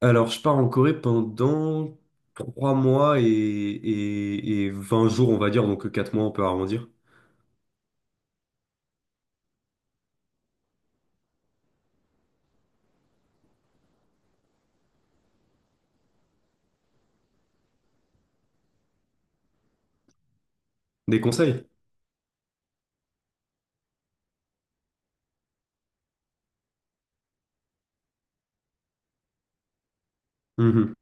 Alors, je pars en Corée pendant 3 mois et 20 jours, on va dire, donc 4 mois, on peut arrondir. Des conseils? Mhm.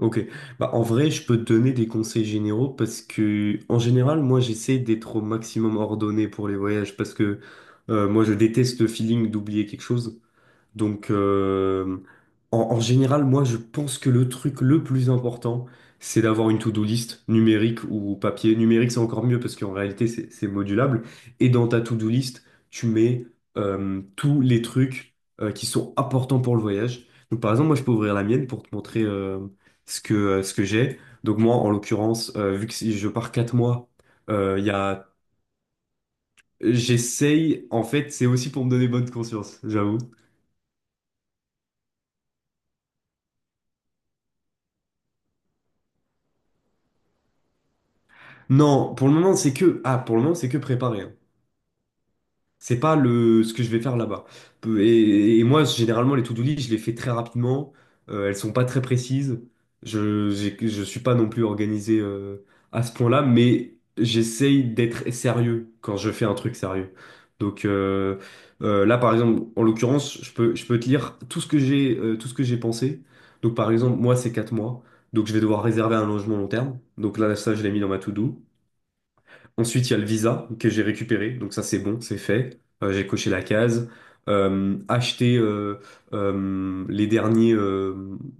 Ok. Bah, en vrai, je peux te donner des conseils généraux parce que, en général, moi, j'essaie d'être au maximum ordonné pour les voyages parce que moi, je déteste le feeling d'oublier quelque chose. Donc, en général, moi, je pense que le truc le plus important, c'est d'avoir une to-do list numérique ou papier. Numérique, c'est encore mieux parce qu'en réalité, c'est modulable. Et dans ta to-do list, tu mets tous les trucs qui sont importants pour le voyage. Donc, par exemple, moi, je peux ouvrir la mienne pour te montrer ce que j'ai. Donc, moi, en l'occurrence, vu que si je pars 4 mois, il y a... J'essaye, en fait, c'est aussi pour me donner bonne conscience, j'avoue. Non, pour le moment, pour le moment, c'est que préparer, hein. C'est pas le ce que je vais faire là-bas. Et moi, généralement, les to-do list, je les fais très rapidement. Elles sont pas très précises. Je suis pas non plus organisé à ce point-là, mais j'essaye d'être sérieux quand je fais un truc sérieux. Donc euh, Là, par exemple, en l'occurrence, je peux te lire tout ce que j'ai, tout ce que j'ai pensé. Donc par exemple, moi, c'est 4 mois. Donc je vais devoir réserver un logement long terme. Donc là, ça, je l'ai mis dans ma to-do. Ensuite, il y a le visa que j'ai récupéré. Donc ça, c'est bon, c'est fait. J'ai coché la case. Acheter euh, les derniers, euh,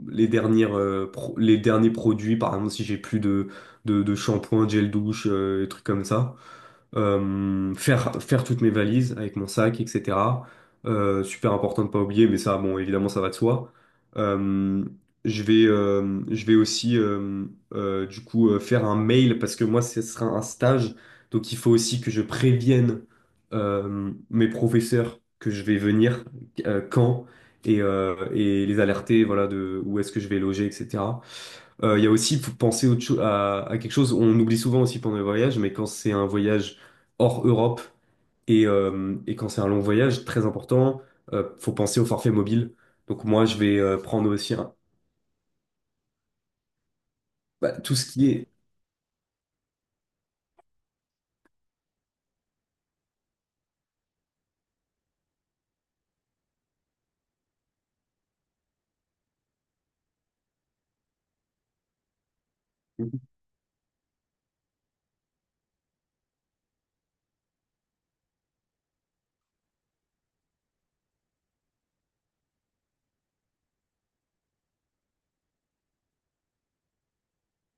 les derniers produits. Par exemple, si j'ai plus de shampoing, gel douche, des trucs comme ça, faire toutes mes valises avec mon sac, etc. Super important de pas oublier, mais ça, bon, évidemment, ça va de soi. Euh, je vais aussi, du coup, faire un mail parce que moi, ce sera un stage. Donc, il faut aussi que je prévienne mes professeurs que je vais venir, quand, et les alerter, voilà, de où est-ce que je vais loger, etc. Il y a aussi, faut penser autre cho- à quelque chose, on oublie souvent aussi pendant les voyages, mais quand c'est un voyage hors Europe. Et quand c'est un long voyage, très important, faut penser au forfait mobile. Donc moi, je vais prendre aussi un- bah, tout ce qui est...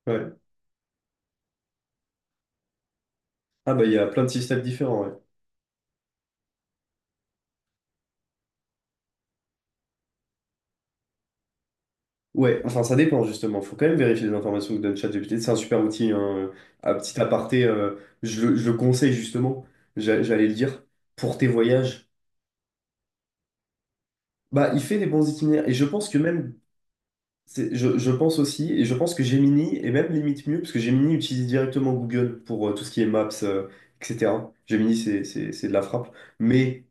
Ouais. Ah bah il y a plein de systèmes différents, ouais. Ouais, enfin ça dépend justement, faut quand même vérifier les informations que donne ChatGPT, c'est un super outil, hein. Un petit aparté, je le conseille justement. J'allais le dire, pour tes voyages. Bah il fait des bons itinéraires, et je pense que même je pense aussi, et je pense que Gemini est même limite mieux, parce que Gemini utilise directement Google pour tout ce qui est Maps, etc. Gemini, c'est de la frappe. Mais...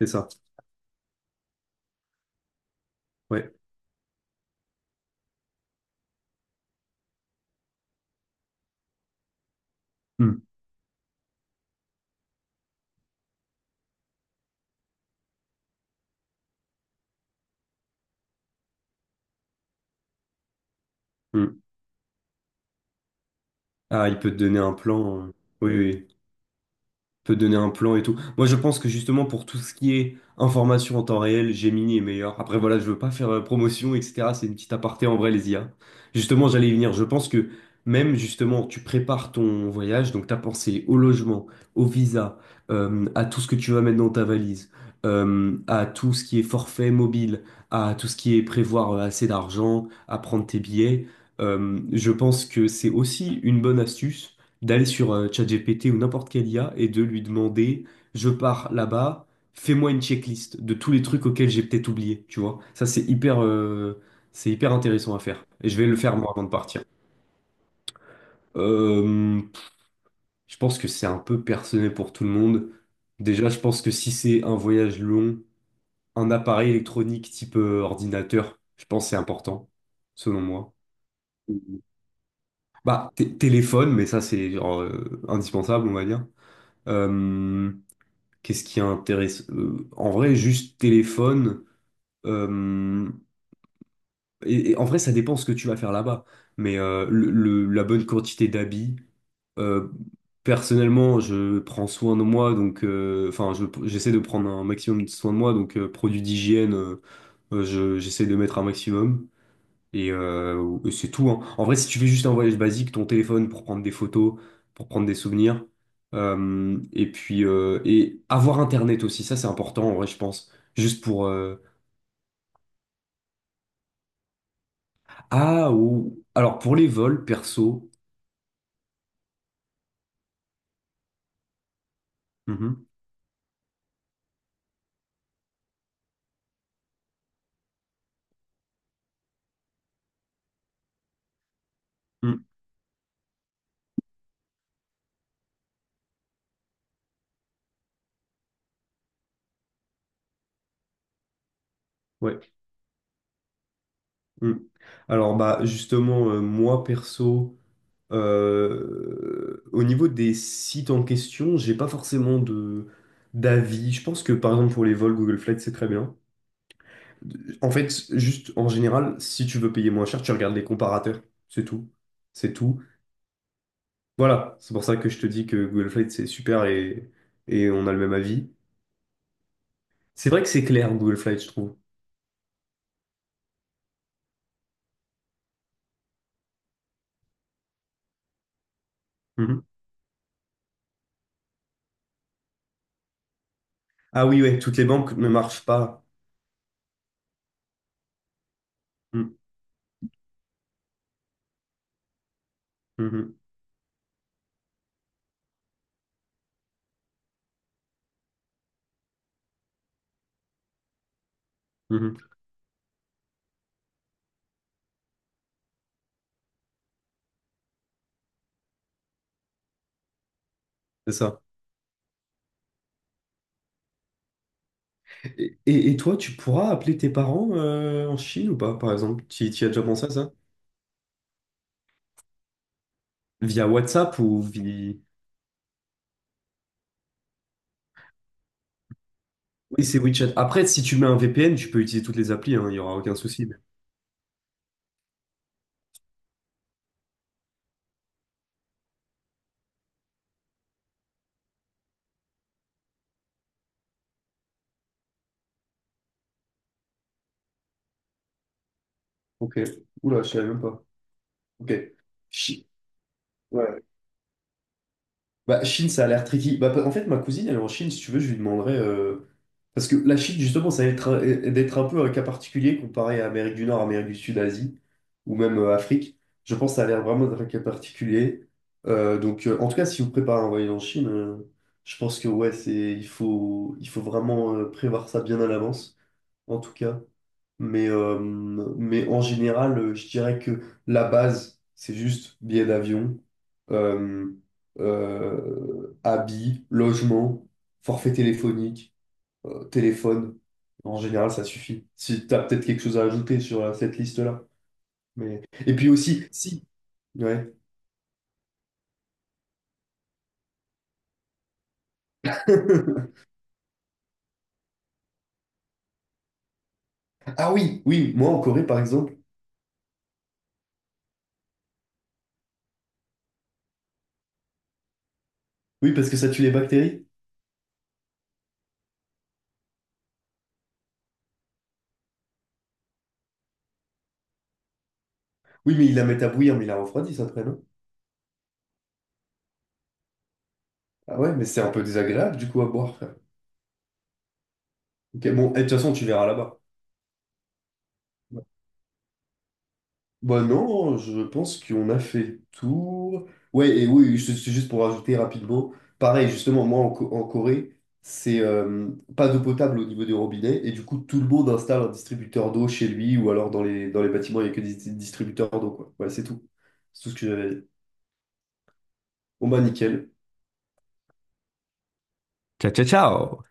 C'est ça, ouais. Hmm, hmm. Ah, il peut te donner un plan. Oui, oui. Peut donner un plan et tout. Moi, je pense que justement, pour tout ce qui est information en temps réel, Gemini est meilleur. Après, voilà, je veux pas faire promotion, etc. C'est une petite aparté en vrai, les IA. Justement, j'allais y venir. Je pense que même justement, tu prépares ton voyage, donc tu as pensé au logement, au visa, à tout ce que tu vas mettre dans ta valise, à tout ce qui est forfait mobile, à tout ce qui est prévoir assez d'argent, à prendre tes billets. Je pense que c'est aussi une bonne astuce d'aller sur ChatGPT ou n'importe quelle IA et de lui demander, je pars là-bas, fais-moi une checklist de tous les trucs auxquels j'ai peut-être oublié, tu vois. Ça, c'est hyper intéressant à faire. Et je vais le faire moi avant de partir. Euh, je pense que c'est un peu personnel pour tout le monde. Déjà, je pense que si c'est un voyage long, un appareil électronique type ordinateur, je pense que c'est important, selon moi. Bah, téléphone, mais ça c'est genre, indispensable, on va dire. Euh, Qu'est-ce qui intéresse? En vrai, juste téléphone. euh, et en vrai, ça dépend ce que tu vas faire là-bas. Mais la bonne quantité d'habits. euh, Personnellement, je prends soin de moi, donc enfin, j'essaie de prendre un maximum de soin de moi, donc produits d'hygiène, j'essaie de mettre un maximum. Et c'est tout, hein. En vrai, si tu fais juste un voyage basique, ton téléphone pour prendre des photos, pour prendre des souvenirs, et puis et avoir Internet aussi, ça c'est important en vrai, je pense. Juste pour ah ou alors pour les vols perso. Mhm. Mm. Ouais. Mm. Alors bah justement moi perso, au niveau des sites en question, j'ai pas forcément de d'avis. Je pense que par exemple pour les vols Google Flight c'est très bien. En fait, juste en général, si tu veux payer moins cher, tu regardes les comparateurs. C'est tout. C'est tout. Voilà, c'est pour ça que je te dis que Google Flight, c'est super, et on a le même avis. C'est vrai que c'est clair, Google Flight, je trouve. Mhm. Ah oui, ouais, toutes les banques ne marchent pas. Mhm, mhm, mhm. C'est ça. Et toi, tu pourras appeler tes parents en Chine ou pas, par exemple? Tu y as déjà pensé à ça? Via WhatsApp ou via... Oui, c'est WeChat. Après, si tu mets un VPN, tu peux utiliser toutes les applis, hein, il n'y aura aucun souci. Ok. Oula, je savais même pas. Ok. Chi- Ouais. Bah, Chine, ça a l'air tricky. Bah, en fait, ma cousine, elle est en Chine, si tu veux, je lui demanderai. Parce que la Chine, justement, ça va être un- d'être un peu un cas particulier comparé à Amérique du Nord, Amérique du Sud, Asie, ou même Afrique. Je pense que ça a l'air vraiment d'être un cas particulier. Donc, en tout cas, si vous préparez un voyage en Chine, je pense que ouais, c'est, il faut vraiment prévoir ça bien à l'avance, en tout cas. Mais en général, je dirais que la base, c'est juste billet d'avion, euh, habits, logement, forfait téléphonique, téléphone. En général, ça suffit. Si tu as peut-être quelque chose à ajouter sur cette liste-là. Mais... Et puis aussi, si. Ouais. Ah oui, oui, moi en Corée, par exemple. Oui, parce que ça tue les bactéries. Oui, mais ils la mettent à bouillir, mais ils la refroidissent après, non? Ah ouais, mais c'est un peu désagréable du coup à boire, frère. Ok, bon, et de toute façon, tu verras là-bas. Bah non, je pense qu'on a fait le tour. Oui, c'est juste pour rajouter rapidement. Pareil, justement, en Corée, c'est pas d'eau potable au niveau des robinets, et du coup, tout le monde installe un distributeur d'eau chez lui, ou alors dans les bâtiments, il n'y a que des distributeurs d'eau, quoi. Ouais, c'est tout. C'est tout ce que j'avais à dire. Bon bah nickel. Ciao, ciao, ciao!